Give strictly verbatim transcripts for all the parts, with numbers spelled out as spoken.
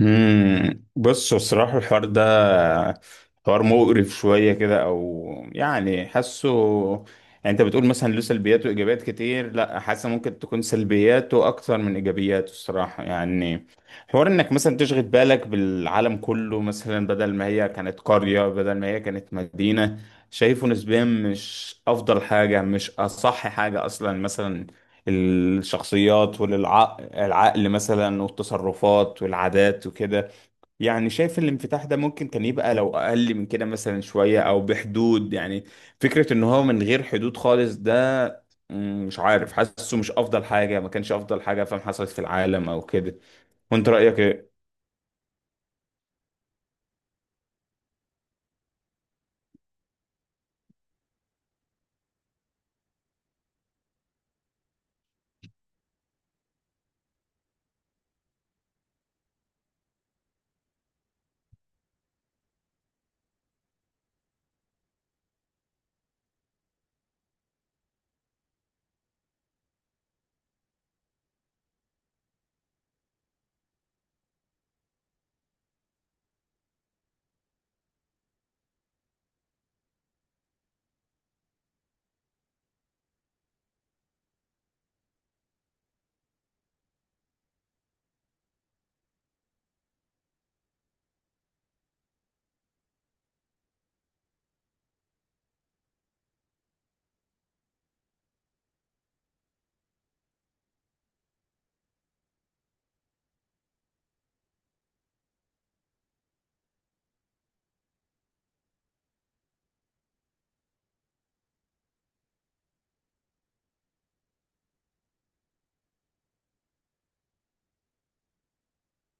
امم بص، هو الصراحة الحوار ده حوار مقرف شوية كده أو يعني حاسه. يعني أنت بتقول مثلا له سلبيات وإيجابيات كتير، لا حاسة ممكن تكون سلبياته أكتر من إيجابياته الصراحة يعني. حوار إنك مثلا تشغل بالك بالعالم كله، مثلا بدل ما هي كانت قرية بدل ما هي كانت مدينة، شايفه نسبيا مش أفضل حاجة، مش أصح حاجة أصلا مثلا. الشخصيات والعقل مثلا والتصرفات والعادات وكده. يعني شايف الانفتاح ده ممكن كان يبقى لو أقل من كده مثلا شوية أو بحدود يعني. فكرة إن هو من غير حدود خالص ده. مم، مش عارف حاسه مش أفضل حاجة، ما كانش أفضل حاجة فاهم، حصلت في العالم أو كده. وأنت رأيك إيه؟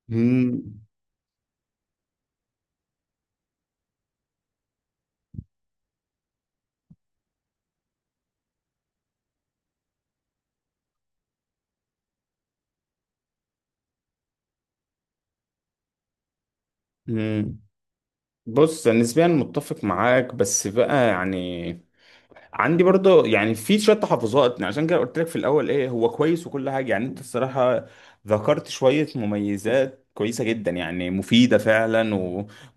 مم. مم. بص، أنا نسبيا متفق معاك بس بقى يعني عندي برضه يعني في شويه تحفظات، يعني عشان كده قلت لك في الاول ايه، هو كويس وكل حاجه يعني. انت الصراحه ذكرت شويه مميزات كويسه جدا يعني مفيده فعلا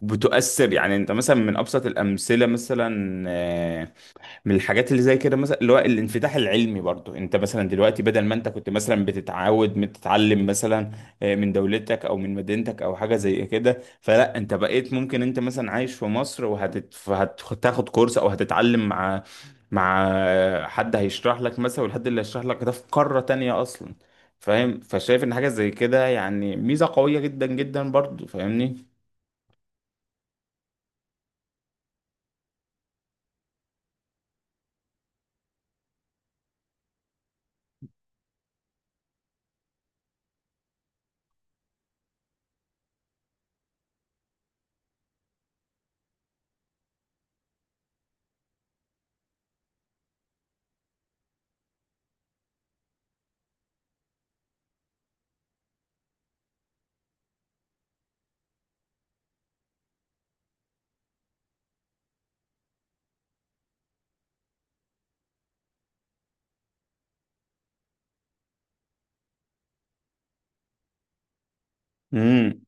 وبتؤثر. يعني انت مثلا من ابسط الامثله مثلا، آه، من الحاجات اللي زي كده مثلا، اللي هو الانفتاح العلمي. برضو انت مثلا دلوقتي بدل ما انت كنت مثلا بتتعود بتتعلم مثلا آه، من دولتك او من مدينتك او حاجه زي كده، فلا انت بقيت ممكن انت مثلا عايش في مصر وهتاخد كورس او هتتعلم مع مع آه، حد هيشرح لك مثلا، والحد اللي هيشرح لك ده في قاره تانية اصلا فاهم. فشايف ان حاجه زي كده يعني ميزه قويه جدا جدا برضو فاهمني. امم.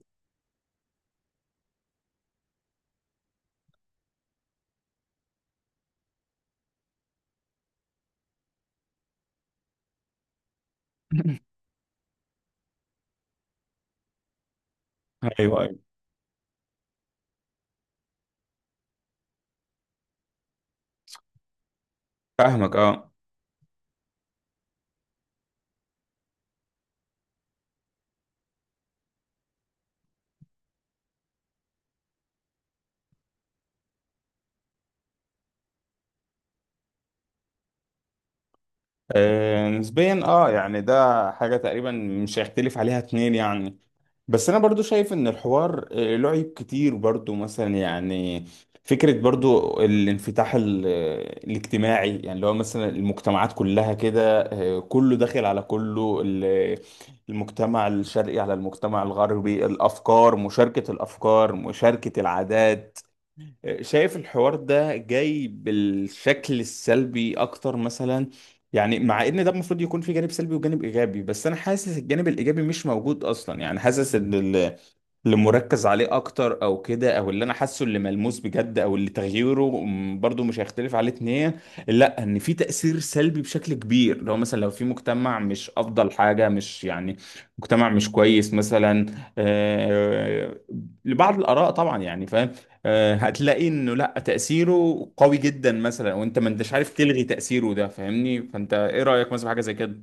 ايوه أيوة. فاهمك اه. آه، نسبيا اه، يعني ده حاجة تقريبا مش هيختلف عليها اتنين يعني. بس انا برضو شايف ان الحوار آه، له عيب كتير برضو مثلا يعني. فكرة برضو الانفتاح ال- آه، الاجتماعي يعني اللي هو مثلا المجتمعات كلها كده، آه، كله داخل على كله، ال- المجتمع الشرقي على المجتمع الغربي، الافكار مشاركة، الافكار مشاركة العادات. شايف الحوار ده جاي بالشكل السلبي اكتر مثلا. يعني مع ان ده المفروض يكون في جانب سلبي وجانب ايجابي، بس انا حاسس الجانب الايجابي مش موجود اصلا يعني. حاسس ان اللي مركز عليه اكتر او كده، او اللي انا حاسه اللي ملموس بجد، او اللي تغييره م- برضو مش هيختلف عليه اتنين، لا ان في تأثير سلبي بشكل كبير. لو مثلا لو في مجتمع مش افضل حاجة، مش يعني مجتمع مش كويس مثلا، آه، لبعض الاراء طبعا يعني فاهم، آه، هتلاقي انه لا تأثيره قوي جدا مثلا، وانت ما انتش عارف تلغي تأثيره ده فاهمني. فانت ايه رأيك مثلا في حاجة زي كده؟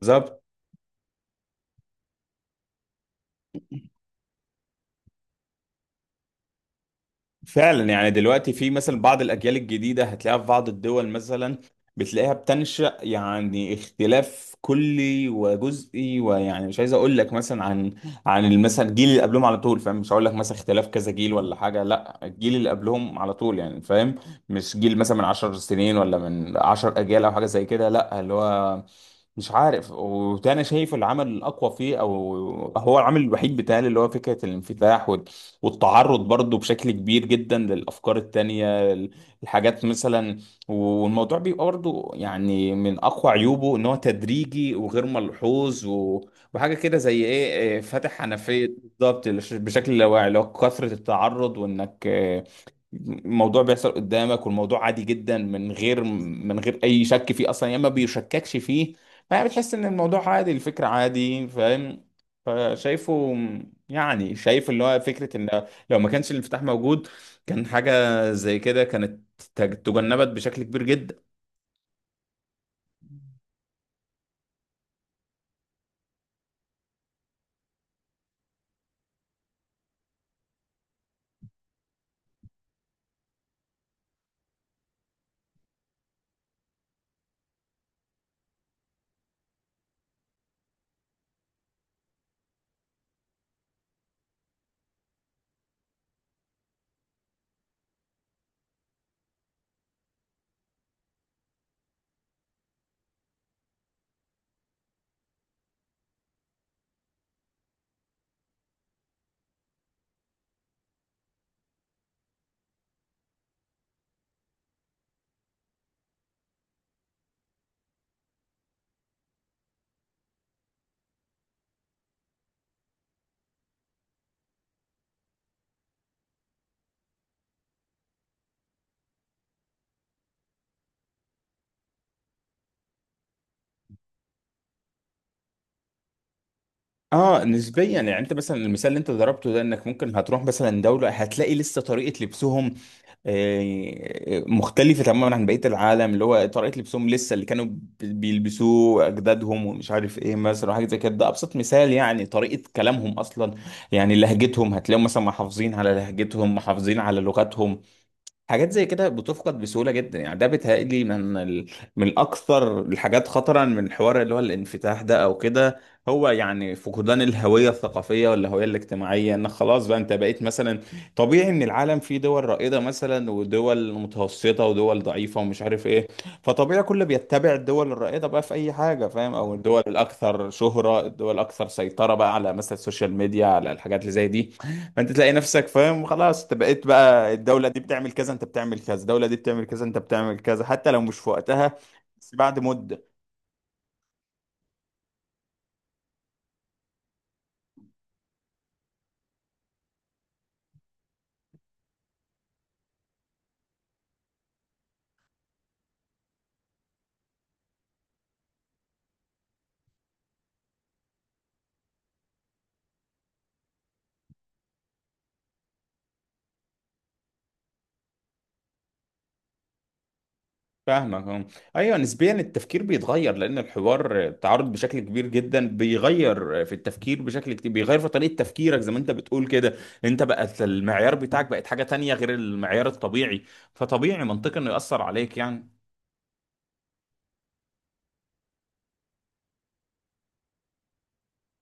بالظبط. فعلا يعني دلوقتي في مثلا بعض الأجيال الجديدة، هتلاقيها في بعض الدول مثلا، بتلاقيها بتنشأ يعني اختلاف كلي وجزئي. ويعني مش عايز أقول لك مثلا عن عن مثلا الجيل اللي قبلهم على طول فاهم، مش هقول لك مثلا اختلاف كذا جيل ولا حاجة، لا الجيل اللي قبلهم على طول يعني فاهم. مش جيل مثلا من 10 سنين ولا من 10 أجيال أو حاجة زي كده، لا اللي هو مش عارف. وده انا شايف العمل الاقوى فيه، او هو العمل الوحيد بتاعي، اللي هو فكره الانفتاح والتعرض برضو بشكل كبير جدا للأفكار التانية، الحاجات مثلا. والموضوع بيبقى برضو يعني من أقوى عيوبه إن هو تدريجي وغير ملحوظ، و... وحاجة كده زي إيه. إيه، فاتح حنفية بالظبط، لش- بشكل لا واعي، اللي هو كثرة التعرض. وإنك آه، الموضوع بيحصل قدامك، والموضوع عادي جدا من غير من غير اي شك فيه اصلا، يا اما بيشككش فيه. فبتحس ان الموضوع عادي، الفكره عادي فاهم. فشايفه يعني، شايف اللي هو فكرة ان لو ما كانش الانفتاح موجود، كان حاجة زي كده كانت تج- تجنبت بشكل كبير جدا. اه نسبيا يعني، انت مثلا المثال اللي انت ضربته ده، انك ممكن هتروح مثلا دولة هتلاقي لسه طريقة لبسهم آه، مختلفة تماما عن بقية العالم، اللي هو طريقة لبسهم لسه اللي كانوا بي- بيلبسوه أجدادهم، ومش عارف إيه مثلا حاجة زي كده. ده أبسط مثال. يعني طريقة كلامهم أصلا، يعني لهجتهم، هتلاقيهم مثلا محافظين على لهجتهم، محافظين على لغتهم. حاجات زي كده بتفقد بسهولة جدا. يعني ده بيتهيألي من ال... من أكثر الحاجات خطرا من حوار اللي هو الانفتاح ده أو كده، هو يعني فقدان الهوية الثقافية والهوية الاجتماعية. إن خلاص بقى أنت بقيت مثلا، طبيعي إن العالم فيه دول رائدة مثلا، ودول متوسطة، ودول ضعيفة، ومش عارف إيه. فطبيعي كله بيتبع الدول الرائدة بقى في أي حاجة فاهم، أو الدول الأكثر شهرة، الدول الأكثر سيطرة بقى على مثلا السوشيال ميديا، على الحاجات اللي زي دي. انت تلاقي نفسك فاهم خلاص، انت بقيت بقى الدوله دي بتعمل كذا انت بتعمل كذا، الدوله دي بتعمل كذا انت بتعمل كذا، حتى لو مش في وقتها بس بعد مده. فاهمك اه. ايوه نسبيا التفكير بيتغير، لان الحوار تعرض بشكل كبير جدا بيغير في التفكير بشكل كتير، بيغير في طريقه تفكيرك زي ما انت بتقول كده. انت بقت المعيار بتاعك بقت حاجه تانية غير المعيار الطبيعي. فطبيعي منطقي انه ياثر عليك يعني.